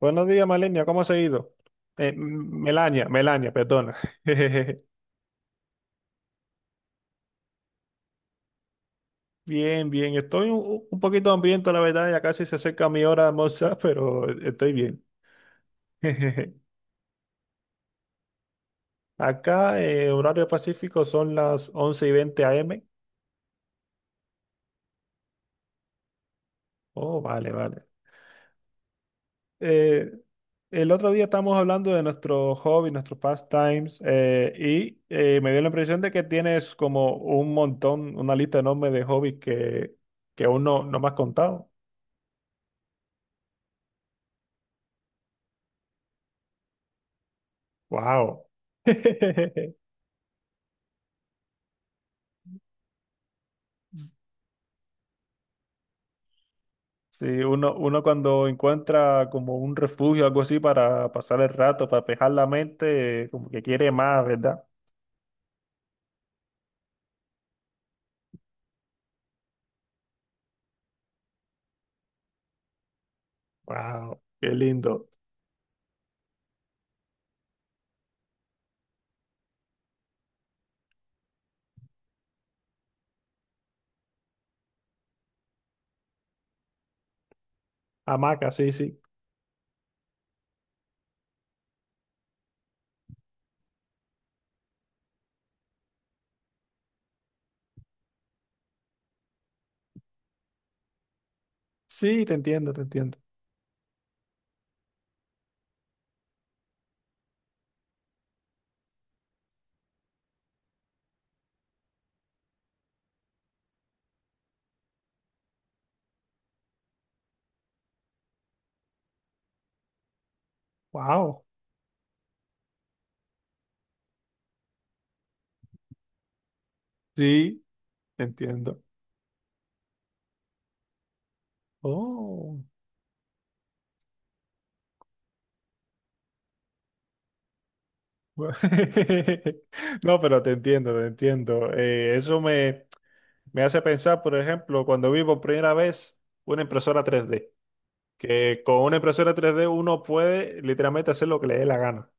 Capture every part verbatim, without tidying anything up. Buenos días, Malenia, ¿cómo has ido? Eh, M- Melania, Melania, perdona. Bien, bien, estoy un, un poquito hambriento, la verdad, ya casi se acerca mi hora de almorzar, pero estoy bien. Acá, eh, horario pacífico, son las once y veinte a m. Oh, vale, vale. Eh, el otro día estábamos hablando de nuestro hobby, nuestros pastimes, eh, y eh, me dio la impresión de que tienes como un montón, una lista enorme de hobbies que, que aún no, no me has contado. Wow. Sí, uno, uno cuando encuentra como un refugio, algo así para pasar el rato, para despejar la mente, eh, como que quiere más, ¿verdad? Wow, qué lindo. Hamaca, sí, sí. Sí, te entiendo, te entiendo. Wow, sí, te entiendo. Oh. bu- No, pero te entiendo, te entiendo. Eh, eso me, me hace pensar, por ejemplo, cuando vi por primera vez una impresora tres d que con una impresora tres d uno puede literalmente hacer lo que le dé la gana.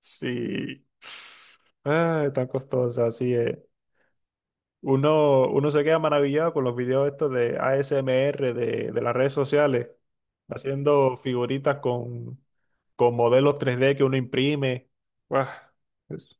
Sí. Ah, tan costosa, así es. Uno, uno se queda maravillado con los videos estos de A S M R de, de las redes sociales, haciendo figuritas con, con modelos tres d que uno imprime. Guau, es-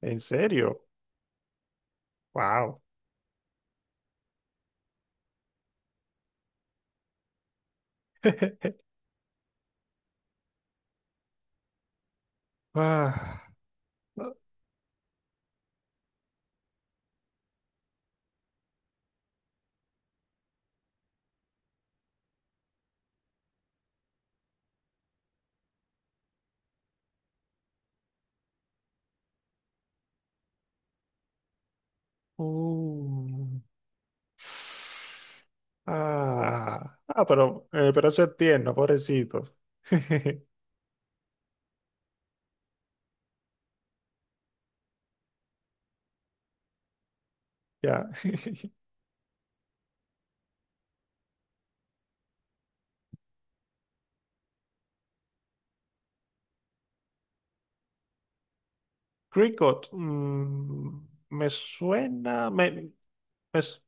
¿En serio? ¡Wow! Ah. Uh. Ah, ah, pero, eh, pero eso es tierno, pobrecito. Ya. Cricket, mm, me suena. Me, me s-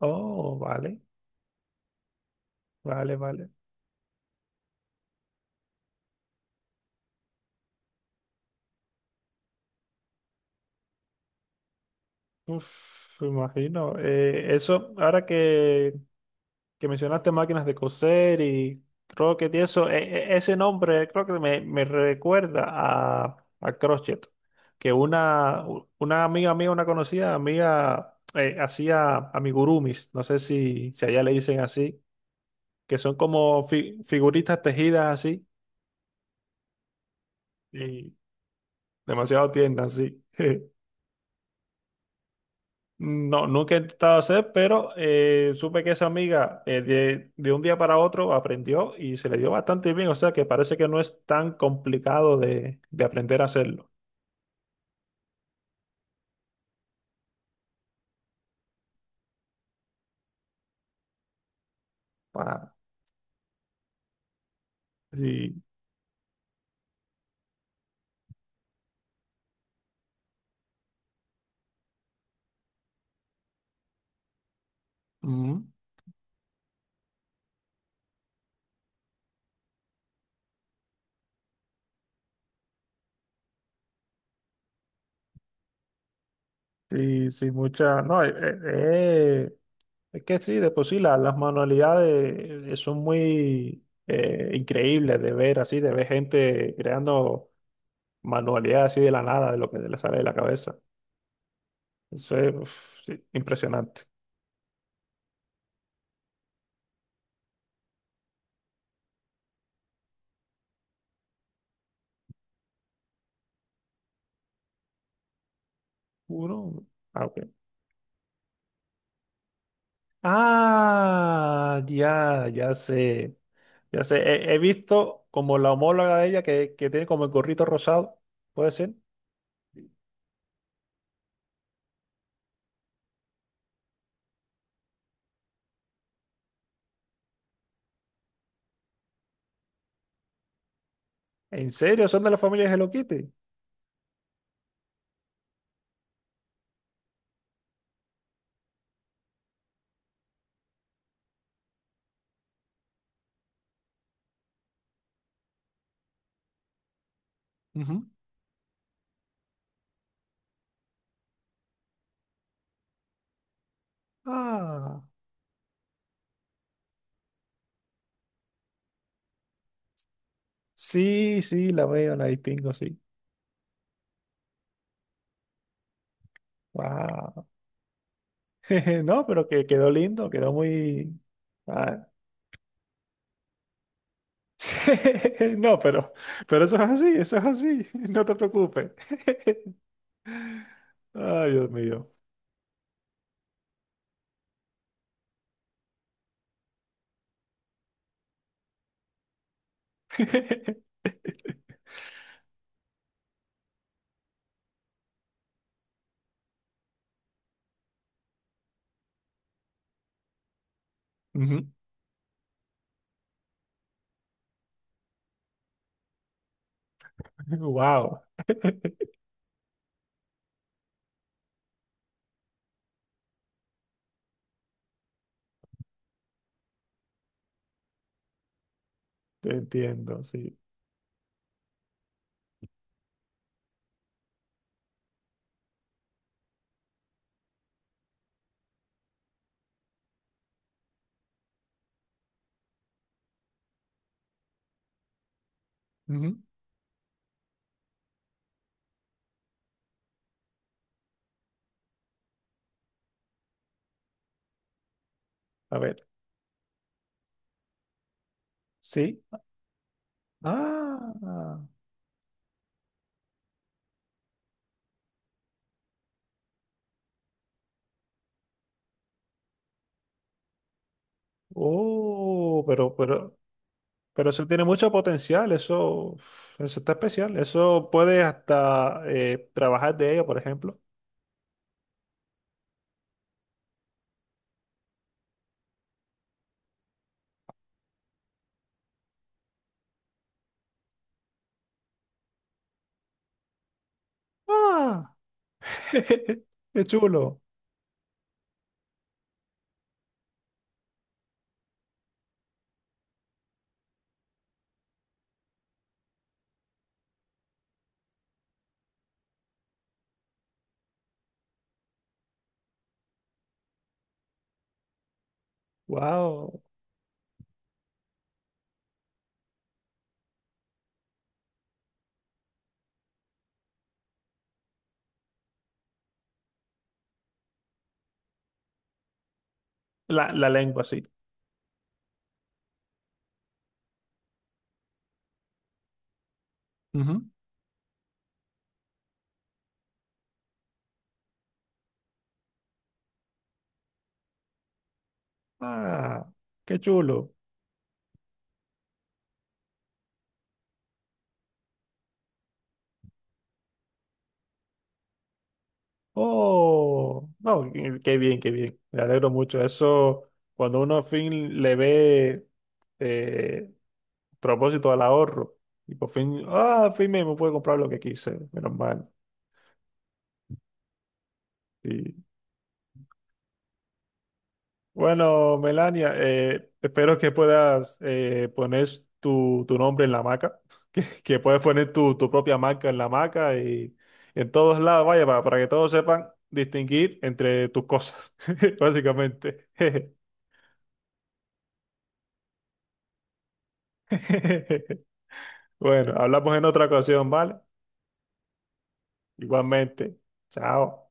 oh, vale, vale, vale. Uf, me imagino. eh, eso, ahora que que mencionaste máquinas de coser y croquet y eso, e- e- ese nombre creo que me, me recuerda a, a crochet, que una, una amiga mía, una conocida amiga, eh, hacía amigurumis, no sé si, si allá le dicen así, que son como fi- figuritas tejidas así y demasiado tiernas, sí. No, nunca he intentado hacer, pero eh, supe que esa amiga eh, de, de un día para otro aprendió y se le dio bastante bien, o sea que parece que no es tan complicado de, de aprender a hacerlo. Pa- sí, ujú, sí, sí, mucha, no, eh, eh, eh, es que sí, de por sí la- las manualidades eh, son muy eh, increíbles de ver así, de ver gente creando manualidades así de la nada, de lo que le sale de la cabeza. Eso es uf, sí, impresionante. Puro. Ah, ok. Ah, ya, ya sé. Ya sé. He, he visto como la homóloga de ella que, que tiene como el gorrito rosado. ¿Puede ser? ¿En serio? ¿Son de la familia de Hello Kitty? Ujú. Ah, sí, sí, la veo, la distingo, sí. Wow. No, pero que quedó lindo, quedó muy. Ah. No, pero, pero eso es así, eso es así. No te preocupes. Ay, Dios mío. Ujú. Wow, te entiendo, sí. Ujú. A ver, sí. Ah, oh, pero, pero, pero eso tiene mucho potencial, eso, uf, eso está especial, eso puedes hasta eh, trabajar de ello, por ejemplo. Ah, qué chulo. Wow, la, la lengua, sí. Ujú. Ah, qué chulo. Oh, no, qué qué bien, qué bien. Me alegro mucho. Eso, cuando uno al fin le ve eh, propósito al ahorro, y por fin, ah, al fin me me pude comprar lo que quise, menos mal. Y, bueno, Melania, eh, espero que puedas eh, poner tu, tu nombre en la marca, que, que puedas poner tu, tu propia marca en la marca y en todos lados, vaya, para, para que todos sepan distinguir entre tus cosas, básicamente. Bueno, hablamos en otra ocasión, ¿vale? Igualmente. Chao.